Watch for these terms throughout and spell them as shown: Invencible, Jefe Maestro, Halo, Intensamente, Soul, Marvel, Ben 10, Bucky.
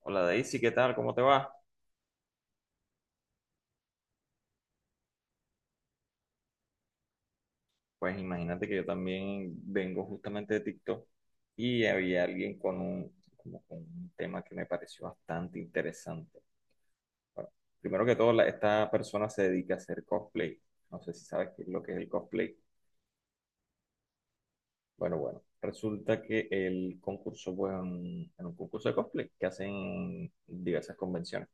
Hola Daisy, ¿qué tal? ¿Cómo te va? Pues imagínate que yo también vengo justamente de TikTok y había alguien con como con un tema que me pareció bastante interesante. Bueno, primero que todo, esta persona se dedica a hacer cosplay. No sé si sabes qué es lo que es el cosplay. Bueno, bueno, resulta que el concurso fue en un concurso de cosplay que hacen en diversas convenciones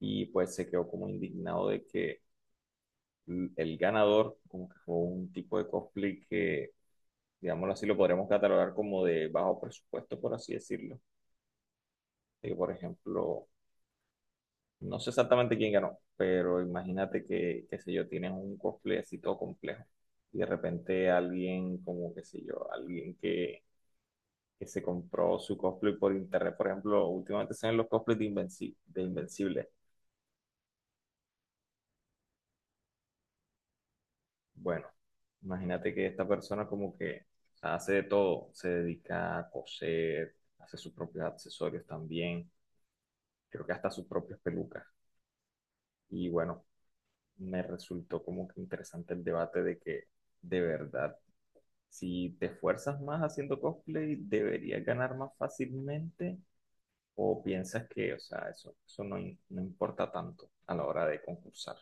y pues se quedó como indignado de que el ganador como que fue un tipo de cosplay que, digámoslo así, lo podríamos catalogar como de bajo presupuesto, por así decirlo. De por ejemplo, no sé exactamente quién ganó, pero imagínate que, qué sé yo, tienes un cosplay así todo complejo y de repente alguien como, qué sé yo, alguien que se compró su cosplay por internet, por ejemplo, últimamente se ven los cosplays de de Invencible. Bueno, imagínate que esta persona como que hace de todo, se dedica a coser, hace sus propios accesorios también, creo que hasta sus propias pelucas. Y bueno, me resultó como que interesante el debate de que, de verdad, si te esfuerzas más haciendo cosplay, deberías ganar más fácilmente o piensas que, o sea, eso no, no importa tanto a la hora de concursar.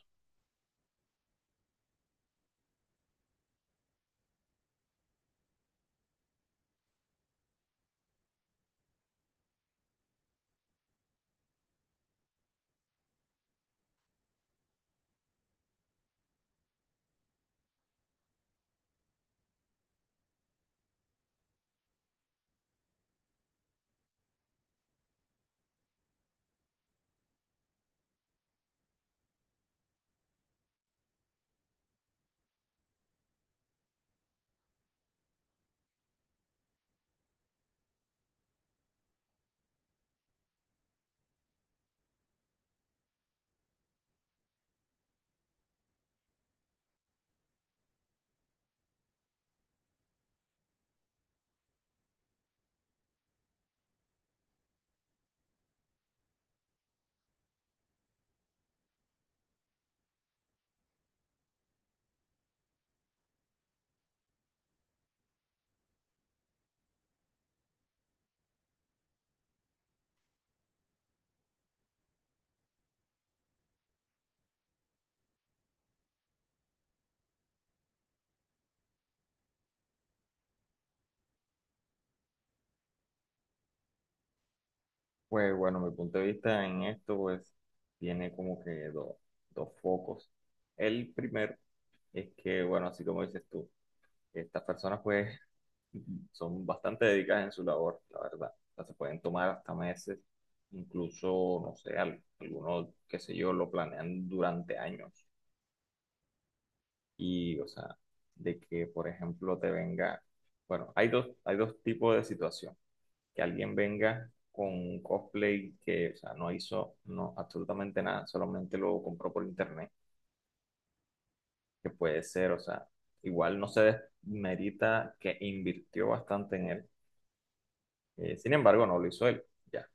Pues bueno, mi punto de vista en esto, pues, tiene como que dos focos. El primero es que, bueno, así como dices tú. Estas personas pues son bastante dedicadas en su labor, la verdad. O sea, se pueden tomar hasta meses, incluso, no sé, algunos, qué sé yo, lo planean durante años. Y, o sea, de que, por ejemplo, te venga, bueno, hay dos tipos de situación. Que alguien venga con un cosplay que, o sea, no hizo, no, absolutamente nada, solamente lo compró por internet, que puede ser, o sea, igual no se desmerita que invirtió bastante en él. Sin embargo, no lo hizo él, ya.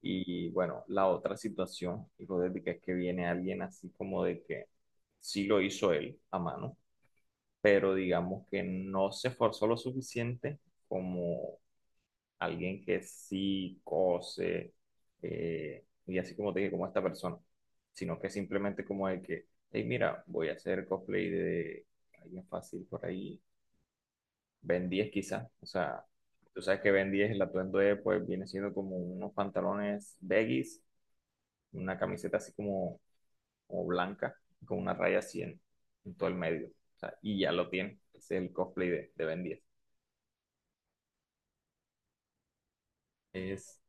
Y bueno, la otra situación hipotética es que viene alguien así como de que sí lo hizo él a mano, pero digamos que no se esforzó lo suficiente como alguien que sí cose, y así como te dije, como esta persona, sino que simplemente como el que, hey, mira, voy a hacer cosplay de alguien fácil por ahí, Ben 10 quizá, o sea, tú sabes que Ben 10, el atuendo de, pues, viene siendo como unos pantalones baggies, una camiseta así como, como blanca, con una raya así en todo el medio, o sea, y ya lo tiene, ese es el cosplay de Ben 10. Es,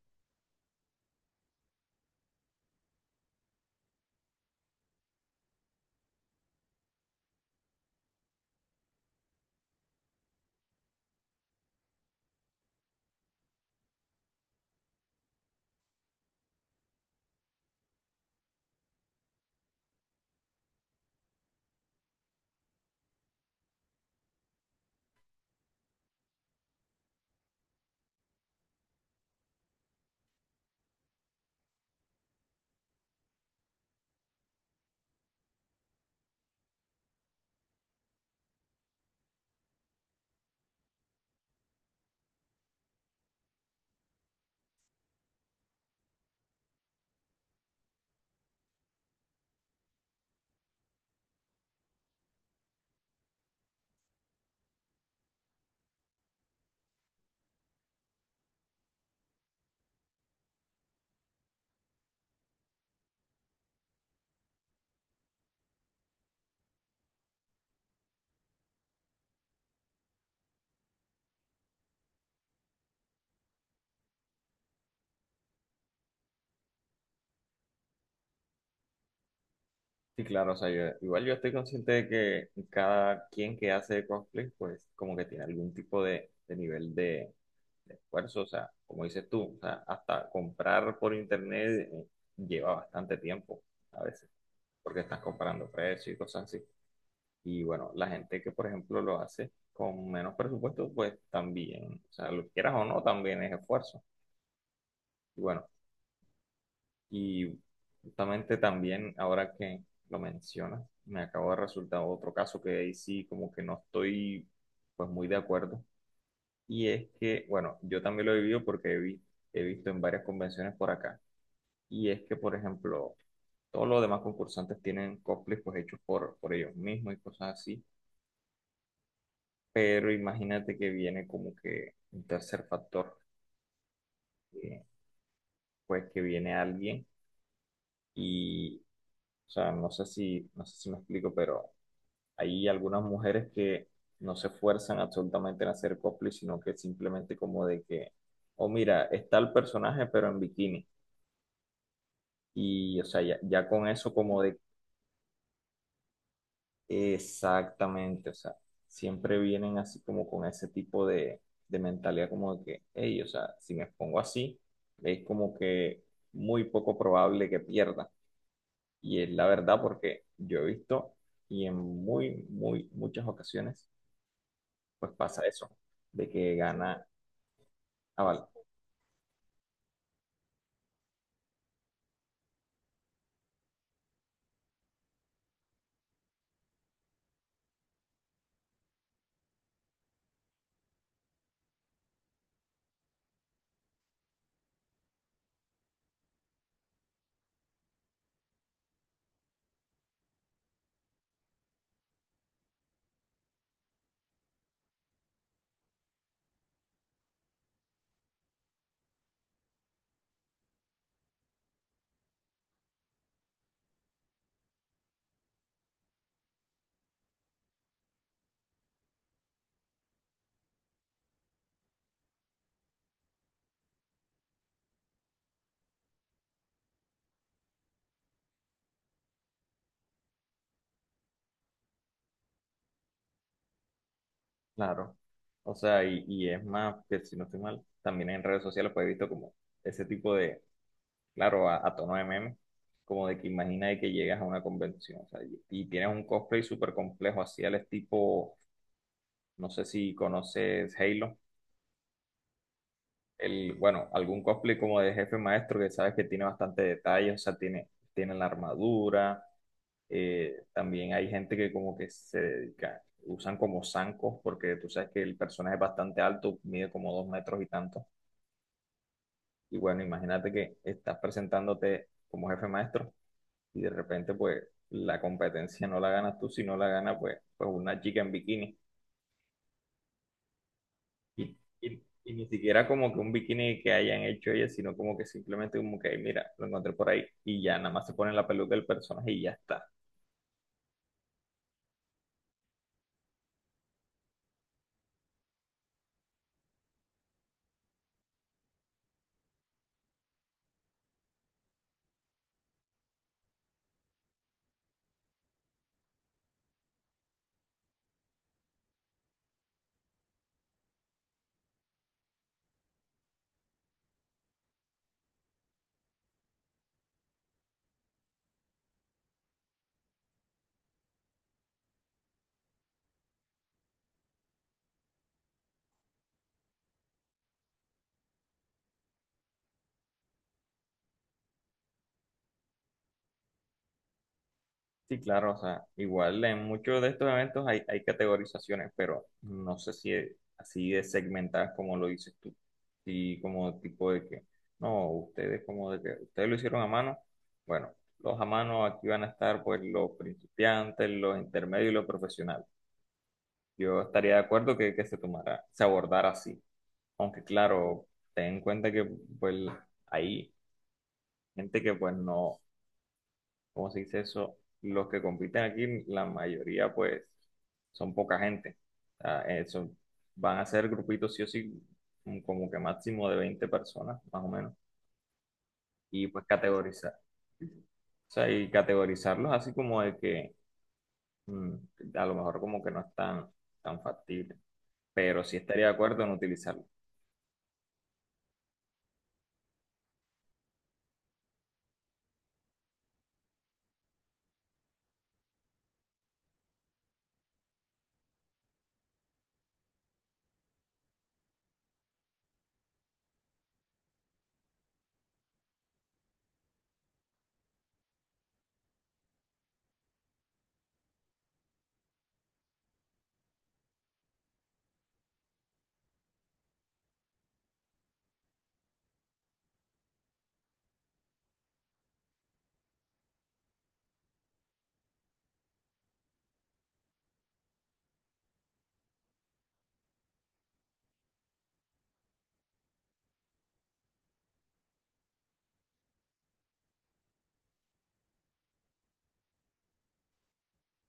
sí, claro, o sea, igual yo estoy consciente de que cada quien que hace cosplay pues como que tiene algún tipo de nivel de esfuerzo, o sea, como dices tú, o sea, hasta comprar por internet, lleva bastante tiempo a veces, porque estás comparando precios y cosas así. Y bueno, la gente que, por ejemplo, lo hace con menos presupuesto, pues también, o sea, lo quieras o no, también es esfuerzo. Y bueno, y justamente también, ahora que lo mencionas, me acabo de resultar otro caso que ahí sí, como que no estoy, pues, muy de acuerdo. Y es que, bueno, yo también lo he vivido porque he visto en varias convenciones por acá. Y es que, por ejemplo, todos los demás concursantes tienen cosplays pues hechos por ellos mismos y cosas así. Pero imagínate que viene como que un tercer factor, que, pues, que viene alguien y, o sea, no sé si, no sé si me explico, pero hay algunas mujeres que no se esfuerzan absolutamente en hacer cosplay, sino que simplemente como de que, oh, mira, está el personaje pero en bikini. Y, o sea, ya, ya con eso como de... Exactamente, o sea, siempre vienen así como con ese tipo de mentalidad como de que, hey, o sea, si me pongo así, es como que muy poco probable que pierda. Y es la verdad, porque yo he visto y en muy, muy, muchas ocasiones pues pasa eso, de que gana. Aval, claro. O sea, y es más, que si no estoy mal, también en redes sociales pues he visto como ese tipo claro, a tono de meme, como de que imagina de que llegas a una convención, o sea, y tienes un cosplay súper complejo, así al tipo, no sé si conoces Halo, el, bueno, algún cosplay como de jefe maestro que sabes que tiene bastante detalle, o sea, tiene la armadura, también hay gente que como que se dedica, usan como zancos, porque tú sabes que el personaje es bastante alto, mide como 2 metros y tanto, y bueno, imagínate que estás presentándote como jefe maestro y de repente pues la competencia no la ganas tú, si no la gana pues, una chica en bikini. Y y- ni siquiera como que un bikini que hayan hecho ellas, sino como que simplemente como que, "Ay, mira, lo encontré por ahí y ya nada más se pone la peluca del personaje y ya está". Sí, claro, o sea, igual en muchos de estos eventos hay categorizaciones, pero no sé si es así de segmentadas como lo dices tú. Y como tipo de que, no, ustedes como de que, ustedes lo hicieron a mano. Bueno, los a mano aquí van a estar pues los principiantes, los intermedios y los profesionales. Yo estaría de acuerdo que se tomara, se abordara así. Aunque claro, ten en cuenta que pues hay gente que pues no. ¿Cómo se dice eso? Los que compiten aquí, la mayoría, pues, son poca gente. Ah, van a ser grupitos sí o sí, como que máximo de 20 personas, más o menos. Y pues categorizar. O sea, y categorizarlos así como de que mm, a lo mejor como que no es tan, tan factible. Pero sí estaría de acuerdo en utilizarlo.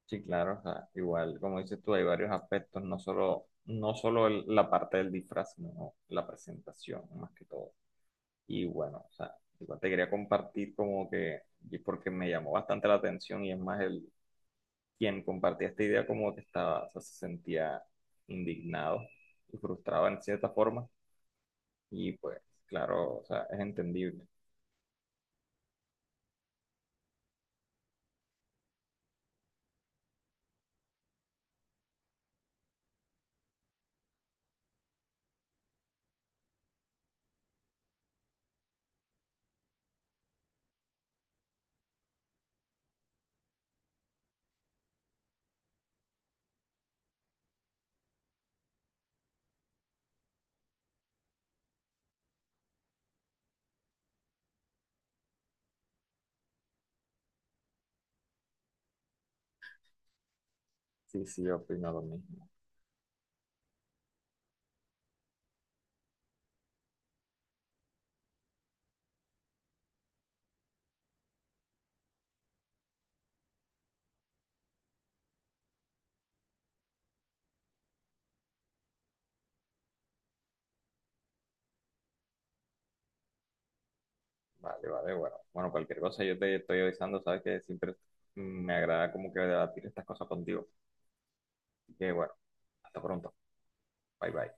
Sí, claro, o sea, igual, como dices tú, hay varios aspectos, no solo, no solo la parte del disfraz, sino la presentación, más que todo. Y bueno, o sea, igual te quería compartir como que, y porque me llamó bastante la atención, y es más, el quien compartía esta idea como que estaba, o sea, se sentía indignado y frustrado en cierta forma. Y pues, claro, o sea, es entendible. Sí, sí, yo opino lo mismo. Vale, vale, bueno. Bueno, cualquier cosa yo te estoy avisando, sabes que siempre me agrada como que debatir estas cosas contigo. Así que bueno, hasta pronto. Bye, bye.